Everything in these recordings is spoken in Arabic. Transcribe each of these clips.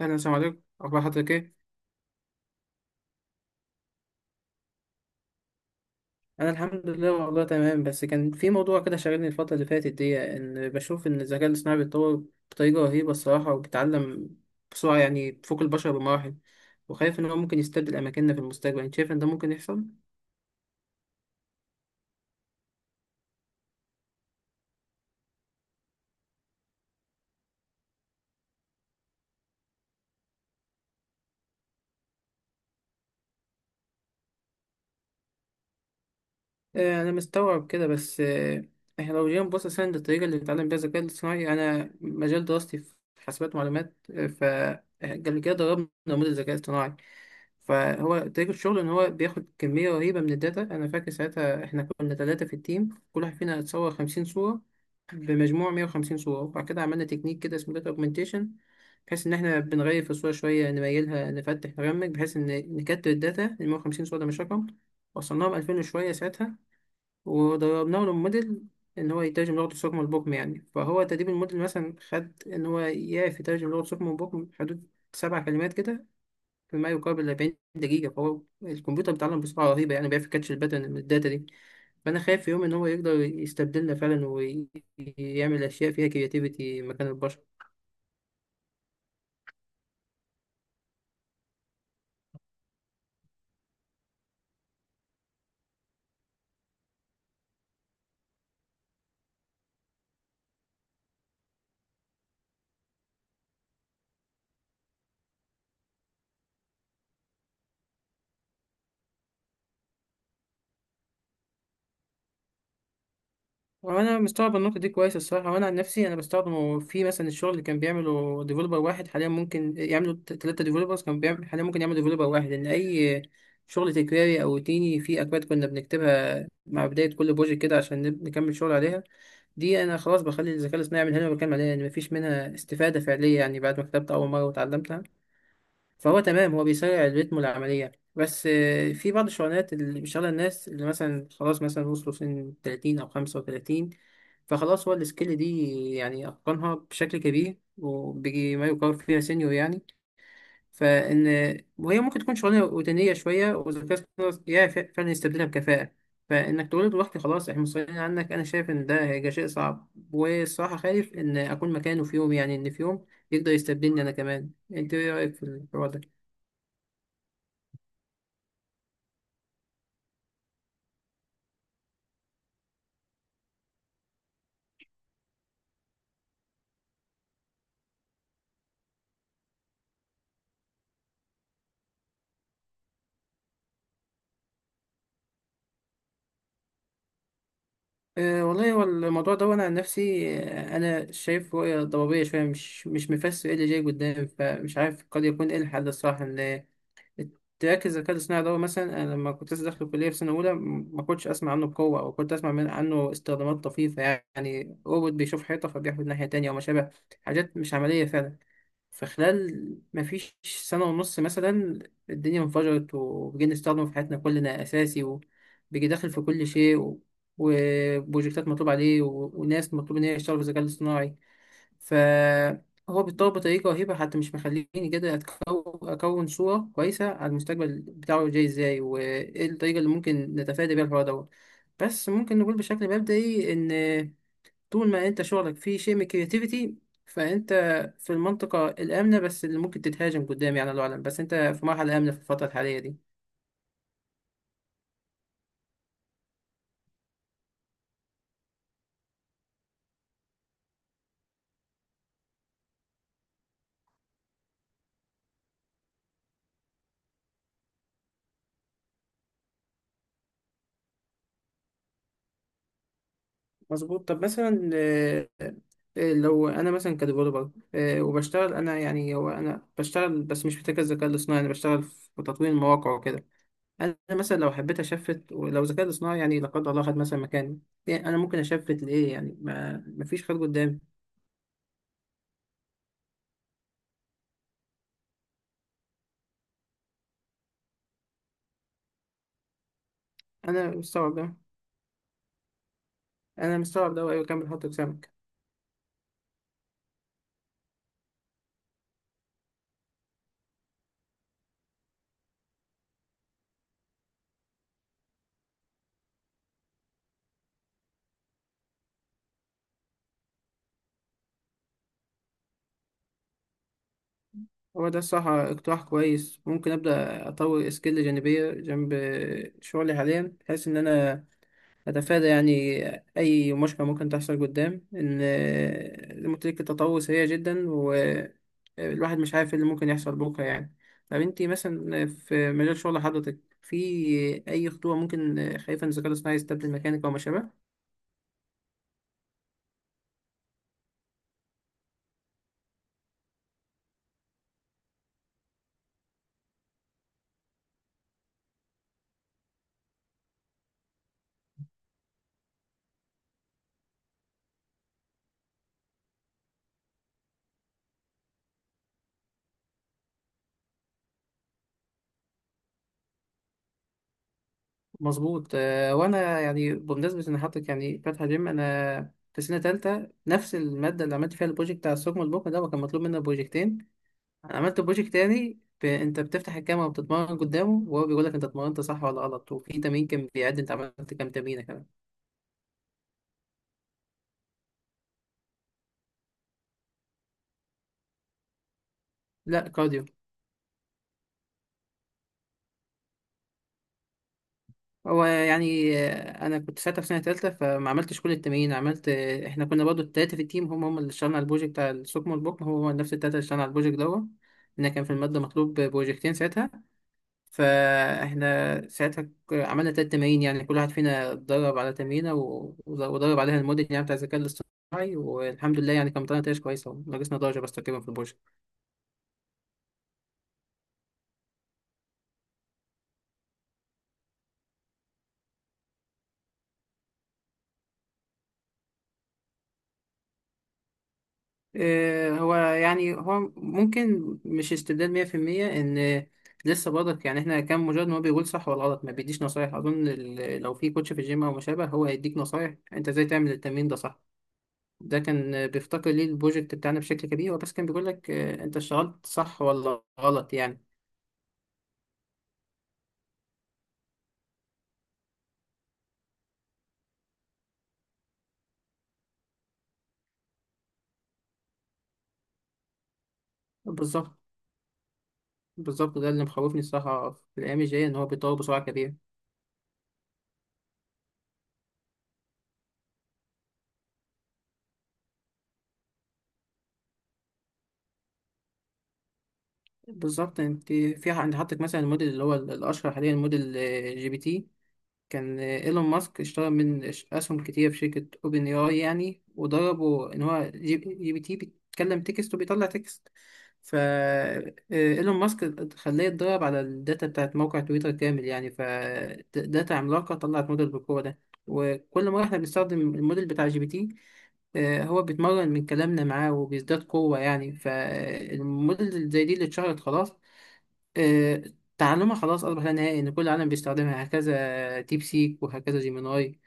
أهلا، السلام عليكم. أخبار حضرتك إيه؟ أنا الحمد لله والله تمام، بس كان في موضوع كده شاغلني الفترة اللي فاتت دي، إن بشوف إن الذكاء الاصطناعي بيتطور بطريقة رهيبة الصراحة، وبيتعلم بسرعة، يعني بتفوق البشر بمراحل، وخايف إن هو ممكن يستبدل أماكننا في المستقبل. أنت شايف إن ده ممكن يحصل؟ آه، أنا مستوعب كده بس إحنا لو جينا نبص أساسا للطريقة اللي بيتعلم بيها الذكاء الاصطناعي، أنا مجال دراستي في حاسبات ومعلومات. آه، ف قبل كده دربنا نموذج ذكاء اصطناعي، فهو طريقة الشغل إن هو بياخد كمية رهيبة من الداتا. أنا فاكر ساعتها إحنا كنا 3 في التيم، كل واحد فينا اتصور 50 صورة، بمجموع 150 صورة، وبعد كده عملنا تكنيك كده اسمه داتا أوجمنتيشن، بحيث إن إحنا بنغير في الصورة شوية، نميلها، نفتح، نرمج، بحيث إن نكتر الداتا. المية وخمسين صورة ده مش رقم، وصلناهم 2000 وشوية ساعتها، ودربناه للموديل إن هو يترجم لغة الصم البكم يعني. فهو تدريب الموديل مثلا خد إن هو يعرف يترجم لغة الصم البكم حدود 7 كلمات كده في ما يقارب 40 دقيقة. فهو الكمبيوتر بيتعلم بسرعة رهيبة، يعني بيعرف يكاتش الباترن من الداتا دي. فأنا خايف في يوم إن هو يقدر يستبدلنا فعلا ويعمل أشياء فيها كرياتيفيتي مكان البشر. وأنا مستوعب النقطة دي كويس الصراحة، وأنا عن نفسي أنا بستخدمه. في مثلا الشغل اللي كان بيعمله ديفلوبر واحد، حاليا ممكن يعملوا 3 ديفلوبرز، كان بيعمل حاليا ممكن يعمل ديفلوبر واحد، لأن أي شغل تكراري أو روتيني في أكواد كنا بنكتبها مع بداية كل بروجكت كده عشان نكمل شغل عليها، دي انا خلاص بخلي الذكاء الاصطناعي يعمل. هنا بتكلم عليها يعني مفيش منها استفاده فعليه، يعني بعد ما كتبت اول مره وتعلمتها، فهو تمام، هو بيسرع الريتم والعمليه. بس في بعض الشغلانات اللي بيشتغلها الناس اللي مثلا خلاص مثلا وصلوا سن 30 او 35، فخلاص هو السكيل دي يعني اتقنها بشكل كبير، وبيجي ما يقارب فيها سينيور يعني، فان وهي ممكن تكون شغلانه روتينيه شويه، والذكاء الاصطناعي يعرف فعلا يستبدلها بكفاءه. فانك تقول له دلوقتي خلاص احنا مستغنيين عنك، انا شايف ان ده هيبقى شيء صعب، والصراحه خايف ان اكون مكانه في يوم، يعني ان في يوم يقدر يستبدلني انا كمان. انت ايه رايك في الحوار ده؟ أه والله، هو الموضوع ده وانا عن نفسي انا شايف رؤيه ضبابيه شويه، مش مفسر ايه اللي جاي قدام، فمش عارف قد يكون ايه الحل الصح، ان تركز الذكاء الاصطناعي ده. مثلا انا لما كنت لسه داخل الكليه في سنه اولى ما كنتش اسمع عنه بقوه، او كنت اسمع من عنه استخدامات طفيفه، يعني روبوت بيشوف حيطه فبيحفر ناحيه تانية او ما شابه، حاجات مش عمليه فعلا. فخلال ما فيش سنه ونص مثلا، الدنيا انفجرت وبقينا نستخدمه في حياتنا كلنا اساسي، وبيجي داخل في كل شيء، و... وبروجكتات مطلوب عليه، و... وناس مطلوب ان هي تشتغل في الذكاء الاصطناعي. فهو بيتطور بطريقة رهيبة، حتى مش مخليني كده أكون صورة كويسة على المستقبل بتاعه جاي إزاي، وإيه الطريقة اللي ممكن نتفادى بيها الحوار دوت. بس ممكن نقول بشكل مبدئي إن طول ما أنت شغلك فيه شيء من الكرياتيفيتي، فأنت في المنطقة الآمنة، بس اللي ممكن تتهاجم قدام يعني الله أعلم، بس أنت في مرحلة آمنة في الفترة الحالية دي. مظبوط. طب مثلا لو انا مثلا كديفلوبر وبشتغل انا، يعني هو انا بشتغل بس مش محتاج الذكاء الاصطناعي، انا بشتغل في تطوير المواقع وكده، انا مثلا لو حبيت اشفت، ولو الذكاء الاصطناعي يعني لا قدر الله خد مثلا مكاني، يعني انا ممكن اشفت لايه، يعني ما مفيش خير قدامي. انا مستوعب ده. انا مستوعب ده وايوه، كمل حط سمك. هو ده الصراحة اقتراح كويس، ممكن أبدأ أطور سكيل جانبية جنب شغلي حاليا، بحيث إن أنا أتفادى يعني أي مشكلة ممكن تحصل قدام، إن زي ما قلت لك التطور سريع جدا والواحد مش عارف إيه اللي ممكن يحصل بكرة يعني. طب أنتي مثلا في مجال شغل حضرتك في أي خطوة ممكن خايفة إن الذكاء الاصطناعي يستبدل مكانك أو ما شابه؟ مظبوط. وأنا يعني بمناسبة إن حضرتك يعني فاتحة جيم، أنا في سنة تالتة نفس المادة اللي عملت فيها البروجكت بتاع الثقب البكرة ده، وكان مطلوب منا بروجكتين. انا عملت بروجكت تاني، انت بتفتح الكاميرا وبتتمرن قدامه، وهو بيقول لك انت اتمرنت صح ولا غلط، وفي تمرين كان بيعد انت عملت كام تمرينه كمان. لا، كارديو. هو يعني انا كنت ساعتها في سنه تالتة فما عملتش كل التمرين، عملت احنا كنا برضو التلاته في التيم، هم اللي اشتغلنا على البروجكت بتاع السوكمو البوكم، هو هو نفس التلاته اللي اشتغلنا على البروجكت دوت، لان كان في الماده مطلوب بروجكتين ساعتها. فاحنا ساعتها عملنا 3 تمارين، يعني كل واحد فينا اتدرب على تمرينة ودرب عليها الموديل يعني بتاع الذكاء الاصطناعي. والحمد لله يعني كان طلعنا نتائج كويسة، وناقصنا درجة بس تقريبا في البروجكت. هو يعني هو ممكن مش استبدال 100%، ان لسه برضك يعني، احنا كان مجرد ان هو بيقول صح ولا غلط، ما بيديش نصايح، اظن لو في كوتش في الجيم او ما شابه هو هيديك نصايح انت ازاي تعمل التمرين ده صح. ده كان بيفتقر ليه البروجكت بتاعنا بشكل كبير، هو بس كان بيقول لك انت اشتغلت صح ولا غلط يعني. بالظبط. بالظبط ده اللي مخوفني الصراحة في الأيام الجاية، إن هو بيتطور بسرعة كبيرة. بالظبط. أنت في أنت حاطط مثلا الموديل اللي هو الأشهر حاليا، الموديل جي بي تي، كان إيلون ماسك اشترى من أسهم كتير في شركة أوبن أي آي يعني. وضربه إن هو جي بي تي بيتكلم تكست وبيطلع تكست، فا إيلون ماسك خلاه يتدرب على الداتا بتاعت موقع تويتر كامل يعني، فداتا عملاقة طلعت موديل بالقوة ده. وكل ما احنا بنستخدم الموديل بتاع جي بي تي، هو بيتمرن من كلامنا معاه وبيزداد قوة يعني. فالموديل زي دي اللي اتشهرت خلاص آه، تعلمها خلاص أصبح لا نهائي، إن كل العالم بيستخدمها، هكذا ديب سيك وهكذا جيميناي.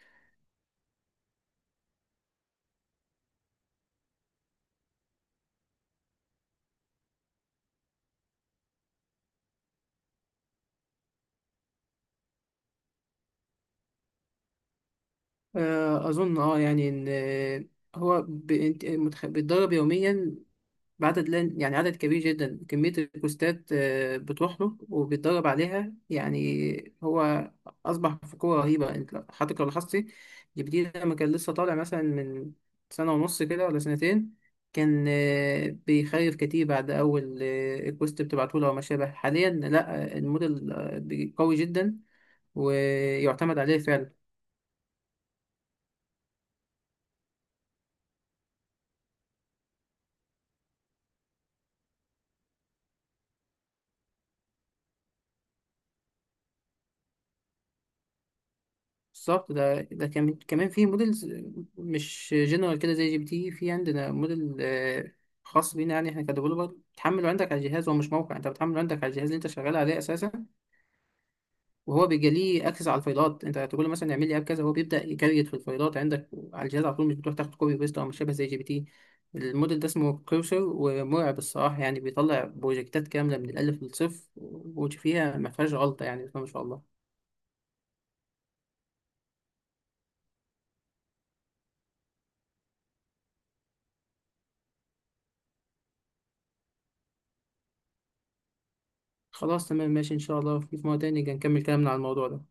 أظن أه يعني إن هو بيتدرب يوميا بعدد، لان يعني عدد كبير جدا كمية البوستات بتروح له وبيتدرب عليها، يعني هو أصبح في قوة رهيبة. أنت حضرتك لو لاحظتي جبديه لما كان لسه طالع مثلا من سنة ونص كده ولا سنتين، كان بيخيف كتير. بعد أول البوست بتبعته له أو ما شابه، حاليا لأ الموديل قوي جدا ويعتمد عليه فعلا. بالظبط. ده كمان في موديلز مش جنرال كده زي جي بي تي، في عندنا موديل خاص بينا يعني احنا كديفلوبر، بتحمله عندك على الجهاز، هو مش موقع، انت بتحمله عندك على الجهاز اللي انت شغال عليه اساسا، وهو بيبقى ليه اكسس على الفايلات. انت تقول له مثلا اعمل لي اب كذا، هو بيبدا يكريت في الفايلات عندك على الجهاز على طول، مش بتروح تاخد كوبي بيست، او مش شبه زي جي بي تي. الموديل ده اسمه كروسر، ومرعب الصراحه يعني، بيطلع بروجكتات كامله من الالف للصفر وفيها ما فيهاش غلطه يعني، بسم الله ما شاء الله. خلاص، تمام، ماشي، إن شاء الله في مرة تاني نبقى نكمل كلامنا على الموضوع ده.